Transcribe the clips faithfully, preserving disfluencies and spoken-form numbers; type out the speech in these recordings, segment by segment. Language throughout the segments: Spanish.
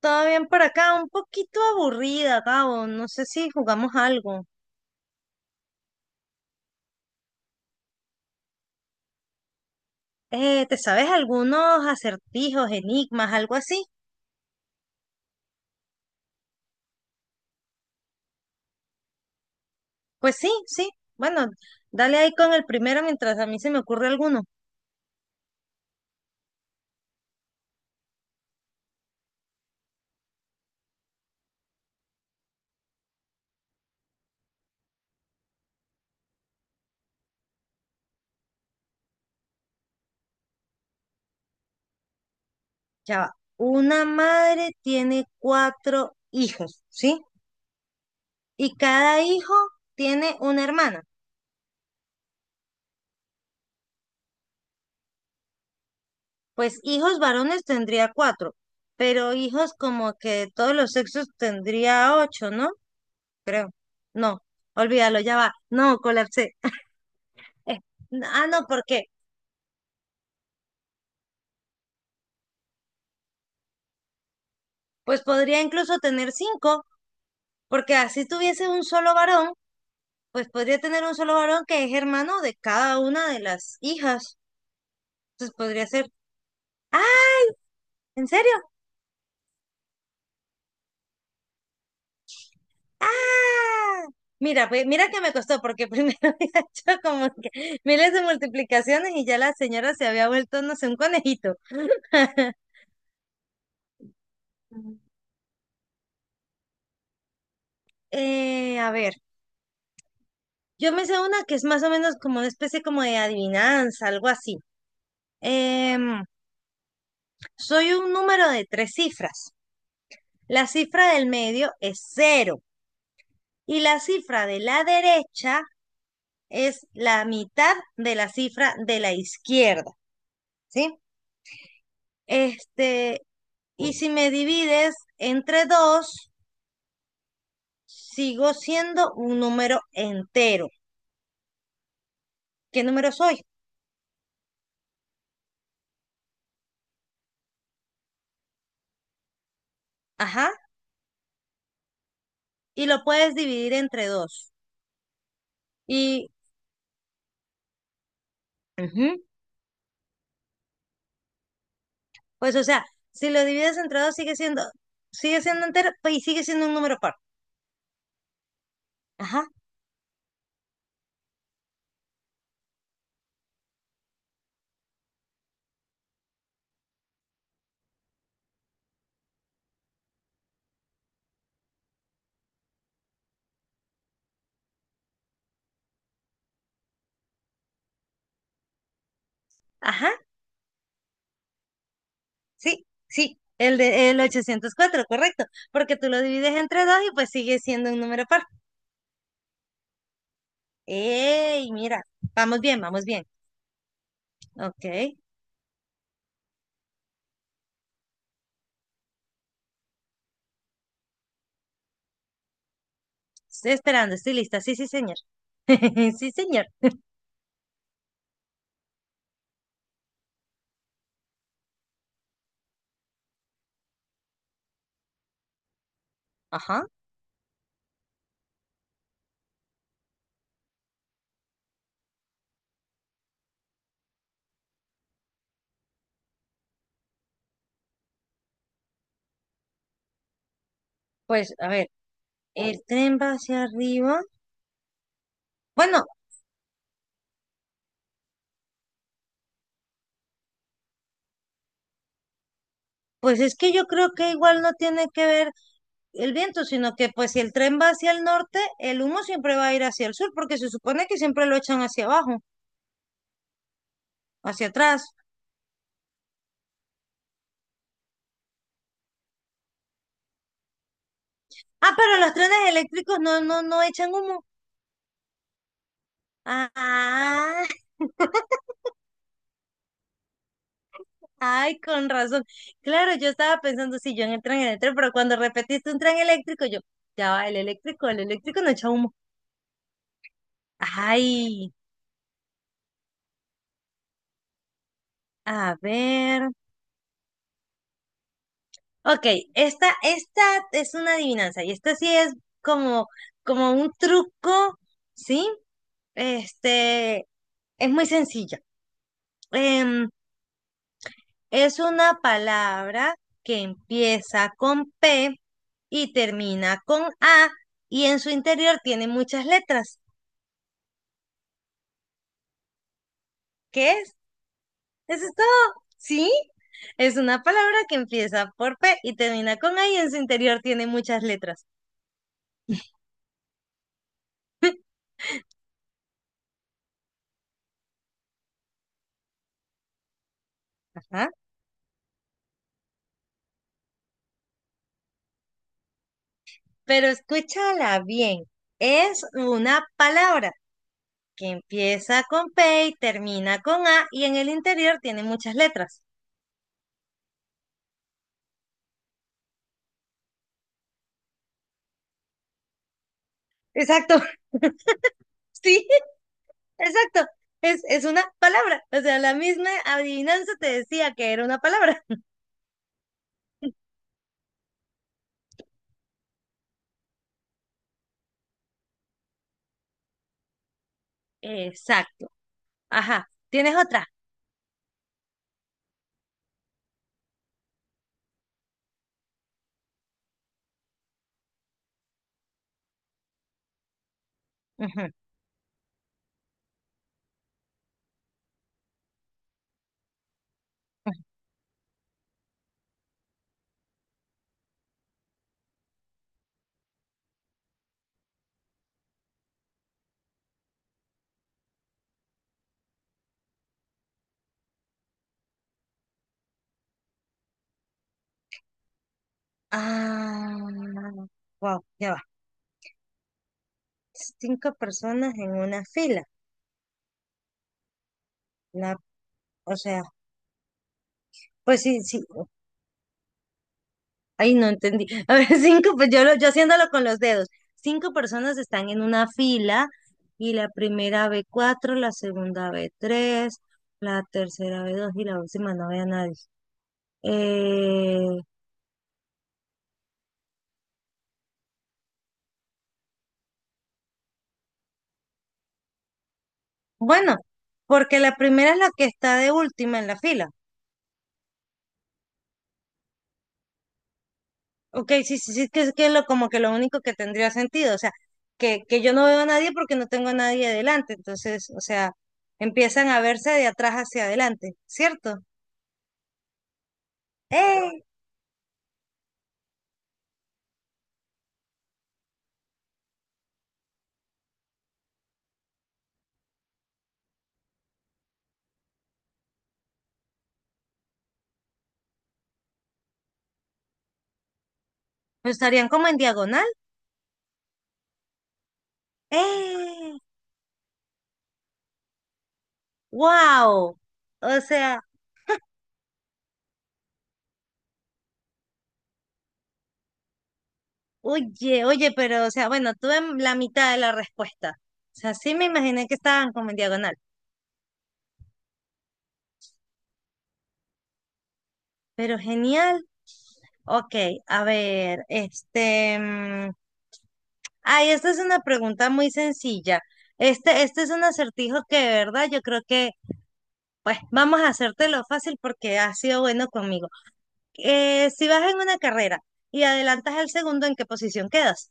Todo bien por acá, un poquito aburrida, Gabo. No sé si jugamos algo. Eh, ¿te sabes algunos acertijos, enigmas, algo así? Pues sí, sí. Bueno, dale ahí con el primero mientras a mí se me ocurre alguno. Ya va. Una madre tiene cuatro hijos, ¿sí? Y cada hijo tiene una hermana. Pues hijos varones tendría cuatro, pero hijos como que de todos los sexos tendría ocho, ¿no? Creo. No, olvídalo, ya va. No, colapsé. Eh, ah, no, porque pues podría incluso tener cinco, porque así tuviese un solo varón, pues podría tener un solo varón que es hermano de cada una de las hijas. Entonces podría ser, ah, ¿en serio? Ah, mira, pues, mira que me costó, porque primero había hecho como que miles de multiplicaciones y ya la señora se había vuelto, no sé, un conejito. Eh, a ver, yo me sé una que es más o menos como una especie como de adivinanza, algo así. Em, Soy un número de tres cifras. La cifra del medio es cero y la cifra de la derecha es la mitad de la cifra de la izquierda, ¿sí? Este, y si me divides entre dos, sigo siendo un número entero. ¿Qué número soy? Ajá. Y lo puedes dividir entre dos. Y, ujú, pues, o sea, si lo divides entre dos, sigue siendo, sigue siendo entero pues, y sigue siendo un número par. Ajá, ajá. Sí, sí, el de el ochocientos cuatro, correcto, porque tú lo divides entre dos y pues sigue siendo un número par. ¡Ey, mira! Vamos bien, vamos bien. Ok, estoy esperando, estoy lista. Sí, sí, señor. Sí, señor. Ajá. Pues a ver, el tren va hacia arriba. Bueno, pues es que yo creo que igual no tiene que ver el viento, sino que pues si el tren va hacia el norte, el humo siempre va a ir hacia el sur, porque se supone que siempre lo echan hacia abajo, hacia atrás. Ah, pero los trenes eléctricos no, no, no echan humo. Ah, ay, con razón. Claro, yo estaba pensando si yo en el tren eléctrico, pero cuando repetiste un tren eléctrico, yo, ya va, el eléctrico, el eléctrico no echa humo. Ay, a ver. Ok, esta, esta es una adivinanza y esta sí es como, como un truco, ¿sí? Este, es muy sencilla. Em, Es una palabra que empieza con P y termina con A y en su interior tiene muchas letras. ¿Qué es? Eso es todo. ¿Sí? Es una palabra que empieza por P y termina con A y en su interior tiene muchas letras. Ajá. Pero escúchala bien. Es una palabra que empieza con P y termina con A y en el interior tiene muchas letras. Exacto, sí. Exacto, es, es una palabra. O sea, la misma adivinanza te decía que era una palabra. Exacto. Ajá. ¿Tienes otra? Ujú, ujú. Ah, wow, ya va. Cinco personas en una fila. La, o sea, pues sí, sí. Ay, no entendí. A ver, cinco, pues yo, lo- yo haciéndolo con los dedos. Cinco personas están en una fila y la primera ve cuatro, la segunda ve tres, la tercera ve dos y la última no ve a nadie. Eh, Bueno, porque la primera es la que está de última en la fila. Ok, sí, sí, sí, que es que lo, como que lo único que tendría sentido, o sea, que, que yo no veo a nadie porque no tengo a nadie adelante, entonces, o sea, empiezan a verse de atrás hacia adelante, ¿cierto? ¡Eh! Pero estarían como en diagonal. ¡Eh! ¡Wow! O sea, oye, oye, pero, o sea, bueno, tuve la mitad de la respuesta. O sea, sí me imaginé que estaban como en diagonal, pero genial. Ok, a ver, este, mm, ay, esta es una pregunta muy sencilla. Este, este es un acertijo que de verdad yo creo que, pues, vamos a hacértelo fácil porque has sido bueno conmigo. Eh, si vas en una carrera y adelantas al segundo, ¿en qué posición quedas?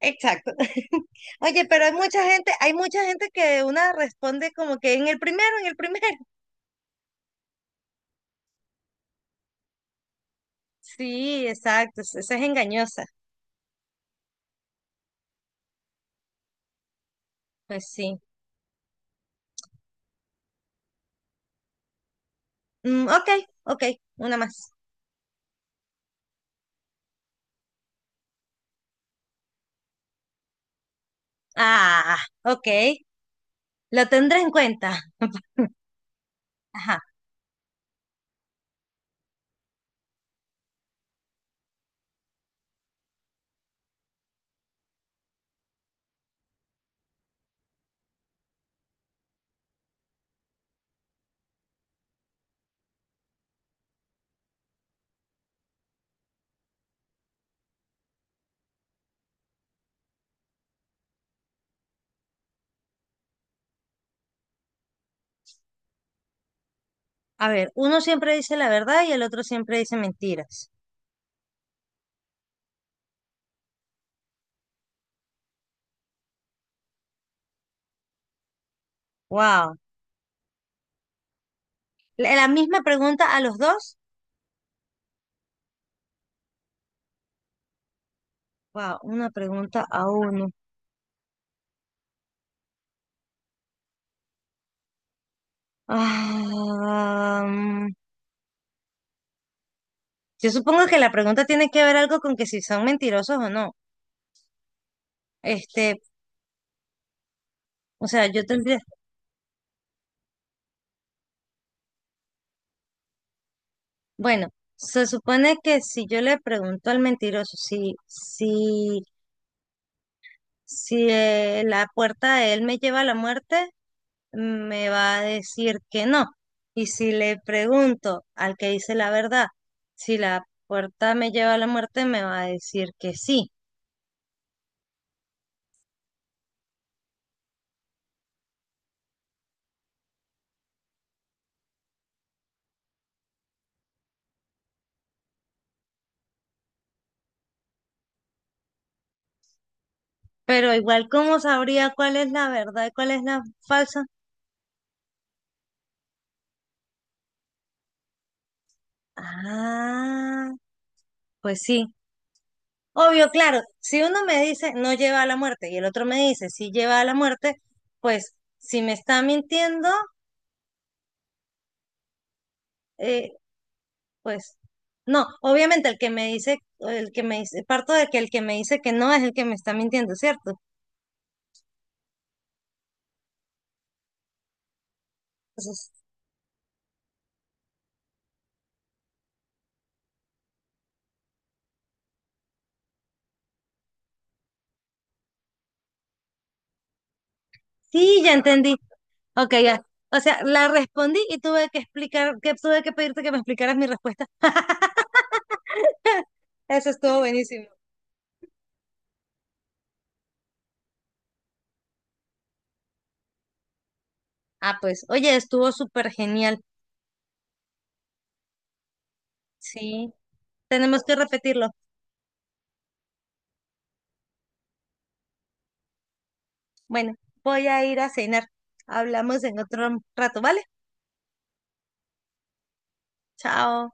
Exacto. Oye, pero hay mucha gente, hay mucha gente que una responde como que en el primero, en el primero. Sí, exacto, es- esa es engañosa. Pues sí. Mm, ok, ok, una más. Ah, ok. La tendré en cuenta. Ajá. A ver, uno siempre dice la verdad y el otro siempre dice mentiras. Wow. La, la misma pregunta a los dos. Wow, una pregunta a uno. Ah, mm, yo supongo que la pregunta tiene que ver algo con que si son mentirosos o no. Este, o sea, yo tendría, bueno, se supone que si yo le pregunto al mentiroso si, si, si eh, la puerta de él me lleva a la muerte, me va a decir que no. Y si le pregunto al que dice la verdad, si la puerta me lleva a la muerte, me va a decir que sí. Pero igual, ¿cómo sabría cuál es la verdad y cuál es la falsa? Ah, pues sí. Obvio, claro, si uno me dice no lleva a la muerte y el otro me dice sí lleva a la muerte, pues si me está mintiendo, eh, pues no, obviamente el que me dice, el que me dice, parto de que el que me dice que no es el que me está mintiendo, ¿cierto? Entonces, sí, ya entendí. Ok, ya. O sea, la respondí y tuve que explicar, que tuve que pedirte que me explicaras mi respuesta. Eso estuvo buenísimo. Ah, pues, oye, estuvo súper genial. Sí, tenemos que repetirlo. Bueno, voy a ir a cenar. Hablamos en otro rato, ¿vale? Chao.